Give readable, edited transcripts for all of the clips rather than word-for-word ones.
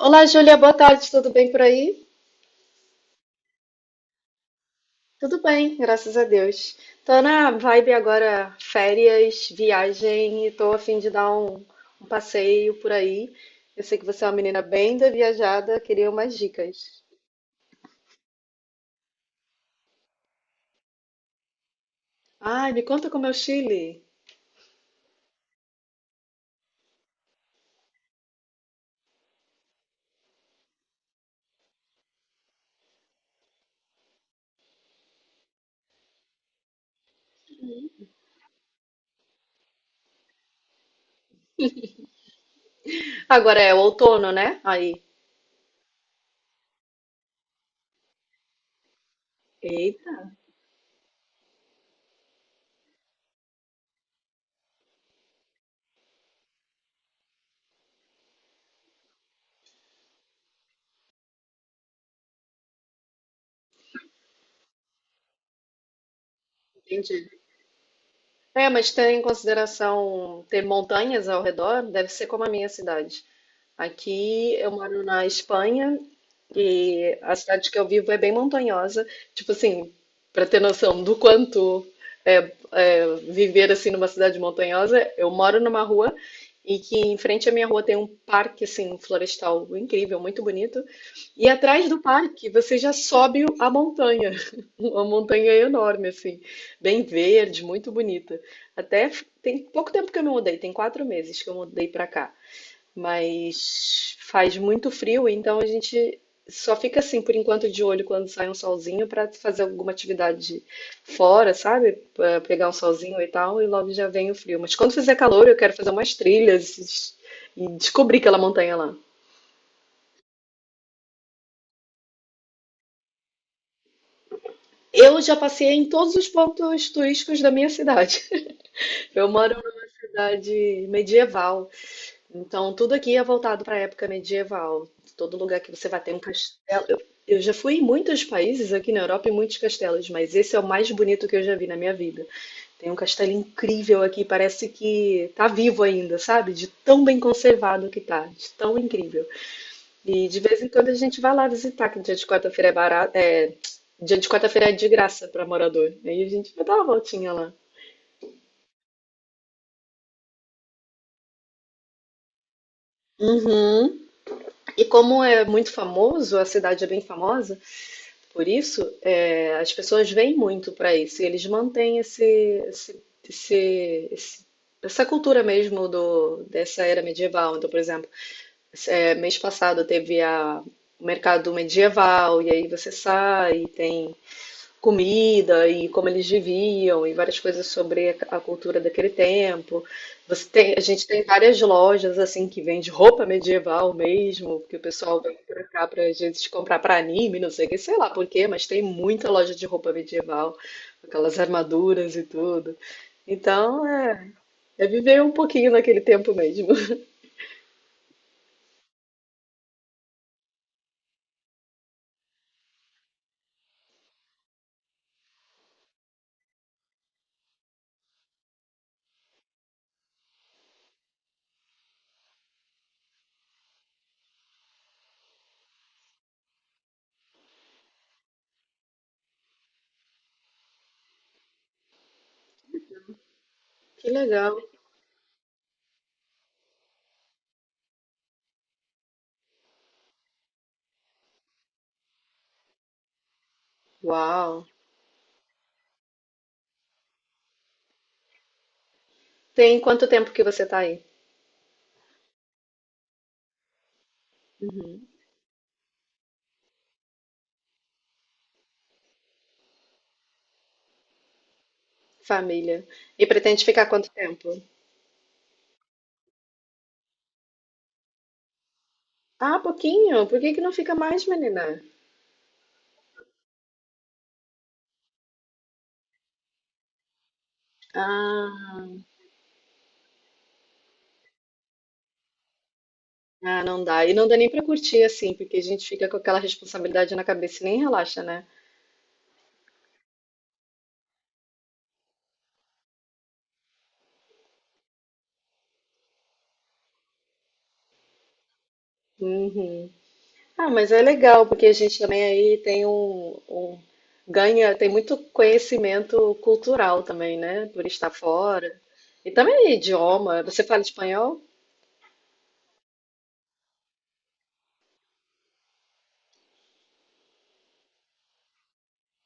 Olá, Júlia, boa tarde, tudo bem por aí? Tudo bem, graças a Deus. Tô na vibe agora, férias, viagem, e tô a fim de dar um passeio por aí. Eu sei que você é uma menina bem da viajada, queria umas dicas. Ai, me conta como é o Chile. Agora é o outono, né? Aí. Eita, entendi. É, mas tem em consideração ter montanhas ao redor? Deve ser como a minha cidade. Aqui eu moro na Espanha e a cidade que eu vivo é bem montanhosa. Tipo assim, para ter noção do quanto é viver assim numa cidade montanhosa, eu moro numa rua e que em frente à minha rua tem um parque assim florestal incrível, muito bonito. E atrás do parque você já sobe a montanha, uma montanha enorme assim, bem verde, muito bonita. Tem pouco tempo que eu me mudei, tem 4 meses que eu mudei para cá. Mas faz muito frio, então a gente só fica assim por enquanto de olho quando sai um solzinho para fazer alguma atividade fora, sabe? Pra pegar um solzinho e tal, e logo já vem o frio. Mas quando fizer calor, eu quero fazer umas trilhas e descobrir aquela montanha lá. Eu já passei em todos os pontos turísticos da minha cidade. Eu moro numa cidade medieval. Então, tudo aqui é voltado para a época medieval. Todo lugar que você vai ter um castelo. Eu já fui em muitos países aqui na Europa e muitos castelos, mas esse é o mais bonito que eu já vi na minha vida. Tem um castelo incrível aqui, parece que tá vivo ainda, sabe? De tão bem conservado que tá, de tão incrível. E de vez em quando a gente vai lá visitar, que dia de quarta-feira é barato, dia de quarta-feira é de graça para morador. Aí a gente vai dar uma voltinha lá. Uhum. E como é muito famoso, a cidade é bem famosa. Por isso, é, as pessoas vêm muito para isso, e eles mantêm esse- esse- esse- essa cultura mesmo dessa era medieval. Então, por exemplo, é, mês passado teve o mercado medieval, e aí você sai, tem comida e como eles viviam e várias coisas sobre a cultura daquele tempo. A gente tem várias lojas assim que vende roupa medieval mesmo, que o pessoal vem pra cá para gente comprar para anime, não sei o que, sei lá por quê, mas tem muita loja de roupa medieval, aquelas armaduras e tudo. Então, é, é viver um pouquinho naquele tempo mesmo. Que legal. Uau. Tem quanto tempo que você tá aí? Família. E pretende ficar quanto tempo? Ah, pouquinho? Por que que não fica mais, menina? Ah, ah, não dá. E não dá nem pra curtir assim, porque a gente fica com aquela responsabilidade na cabeça e nem relaxa, né? Uhum. Ah, mas é legal, porque a gente também aí tem ganha, tem muito conhecimento cultural também, né? Por estar fora. E também idioma. Você fala espanhol?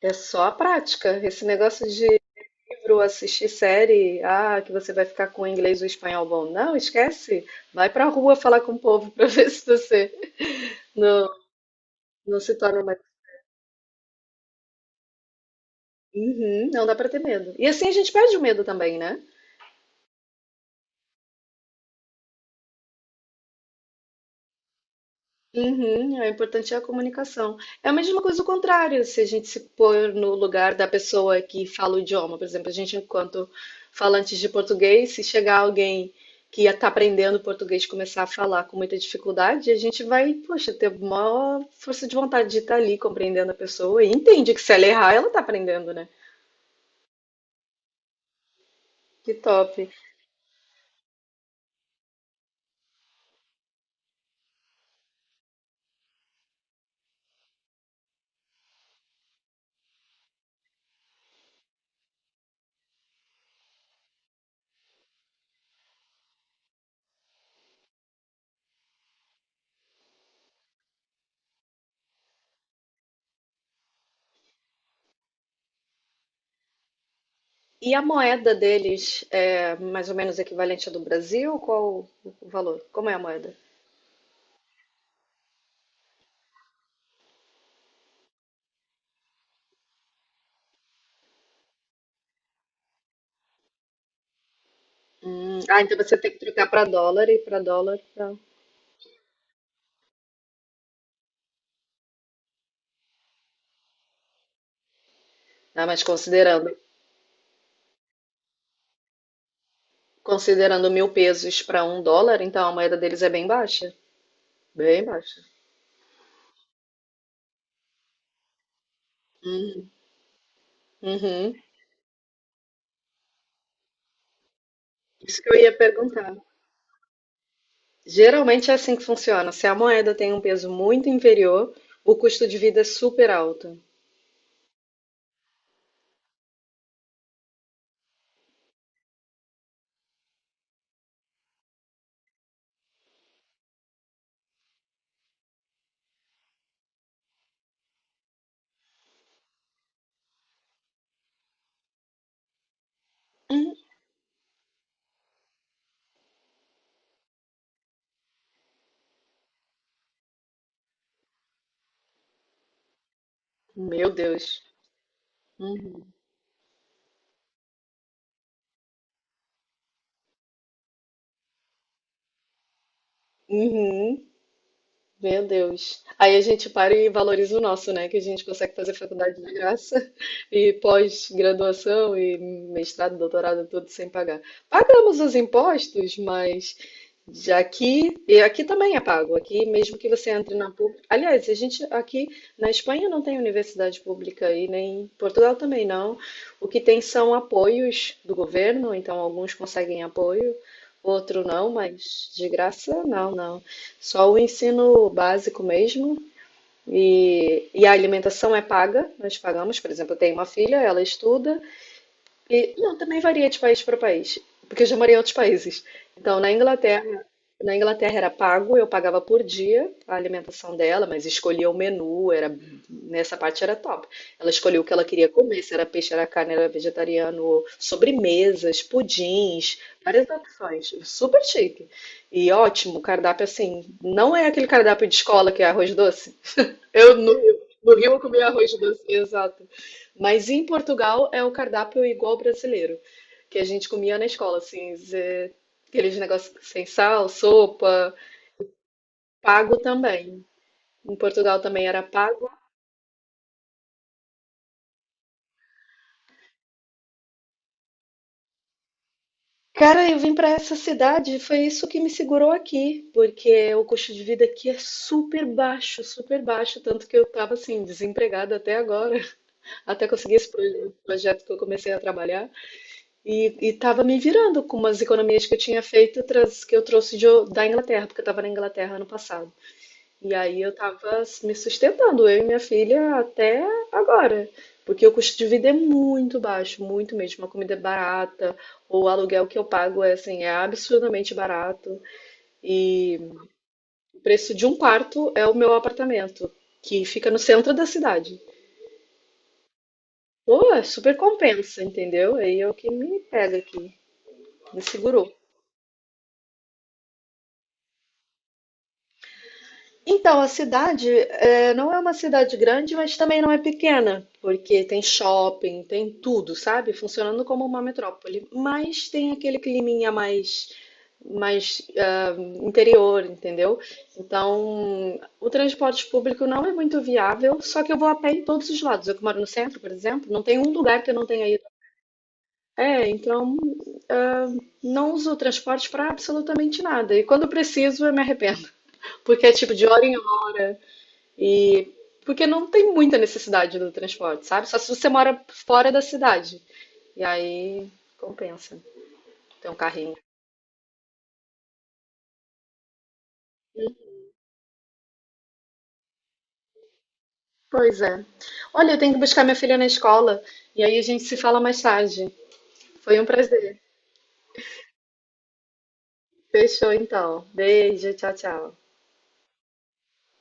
É só a prática. Esse negócio de livro, assistir série, ah, que você vai ficar com o inglês e o espanhol bom. Não, esquece. Vai pra rua falar com o povo pra ver se você não, não se torna mais. Uhum, não dá pra ter medo. E assim a gente perde o medo também, né? Uhum, é importante é a comunicação. É a mesma coisa o contrário, se a gente se pôr no lugar da pessoa que fala o idioma, por exemplo, a gente enquanto falantes de português, se chegar alguém que está aprendendo português e começar a falar com muita dificuldade, a gente vai, poxa, ter maior força de vontade de estar ali compreendendo a pessoa e entende que se ela errar, ela está aprendendo, né? Que top. E a moeda deles é mais ou menos equivalente à do Brasil? Qual o valor? Como é a moeda? Ah, então você tem que trocar para dólar e para dólar pra... Ah, mas considerando 1.000 pesos para 1 dólar, então a moeda deles é bem baixa. Bem baixa. Hum, uhum. Isso que eu ia perguntar. Geralmente é assim que funciona. Se a moeda tem um peso muito inferior, o custo de vida é super alto. Meu Deus. Uhum. Uhum. Meu Deus. Aí a gente para e valoriza o nosso, né? Que a gente consegue fazer faculdade de graça e pós-graduação e mestrado, doutorado, tudo sem pagar. Pagamos os impostos, mas já aqui, e aqui também é pago. Aqui, mesmo que você entre na pública. Aliás, a gente aqui na Espanha não tem universidade pública e nem em Portugal também não. O que tem são apoios do governo, então alguns conseguem apoio, outro não, mas de graça, não, não. Só o ensino básico mesmo. E a alimentação é paga, nós pagamos. Por exemplo, eu tenho uma filha, ela estuda, e, não, também varia de país para país, porque eu já morei em outros países. Então, na Inglaterra era pago, eu pagava por dia a alimentação dela, mas escolhia o menu, era nessa parte era top. Ela escolhia o que ela queria comer, se era peixe, era carne, era vegetariano, sobremesas, pudins, várias opções, super chique. E ótimo, cardápio assim, não é aquele cardápio de escola que é arroz doce, eu no, no Rio eu comia arroz doce, exato. Mas em Portugal é o cardápio igual ao brasileiro, que a gente comia na escola, assim, aqueles negócios sem sal, sopa, pago também. Em Portugal também era pago. Cara, eu vim para essa cidade, foi isso que me segurou aqui, porque o custo de vida aqui é super baixo, tanto que eu tava assim desempregada até agora, até conseguir esse projeto que eu comecei a trabalhar. E estava me virando com umas economias que eu tinha feito, que eu trouxe da Inglaterra, porque eu estava na Inglaterra ano passado. E aí eu estava me sustentando, eu e minha filha, até agora. Porque o custo de vida é muito baixo, muito mesmo. A comida é barata, o aluguel que eu pago é, assim, é absurdamente barato. E o preço de um quarto é o meu apartamento, que fica no centro da cidade. Pô, é super compensa, entendeu? Aí é o que me pega aqui, me segurou. Então, a cidade, eh, não é uma cidade grande, mas também não é pequena, porque tem shopping, tem tudo, sabe? Funcionando como uma metrópole. Mas tem aquele climinha mais, mais ah, interior, entendeu? Então, o transporte público não é muito viável, só que eu vou a pé em todos os lados. Eu que moro no centro, por exemplo, não tem um lugar que eu não tenha ido. É, então, ah, não uso o transporte para absolutamente nada. E quando preciso, eu me arrependo, porque é tipo de hora em hora. E porque não tem muita necessidade do transporte, sabe? Só se você mora fora da cidade. E aí compensa ter um carrinho. Pois é. Olha, eu tenho que buscar minha filha na escola. E aí a gente se fala mais tarde. Foi um prazer. Fechou então. Beijo, tchau, tchau.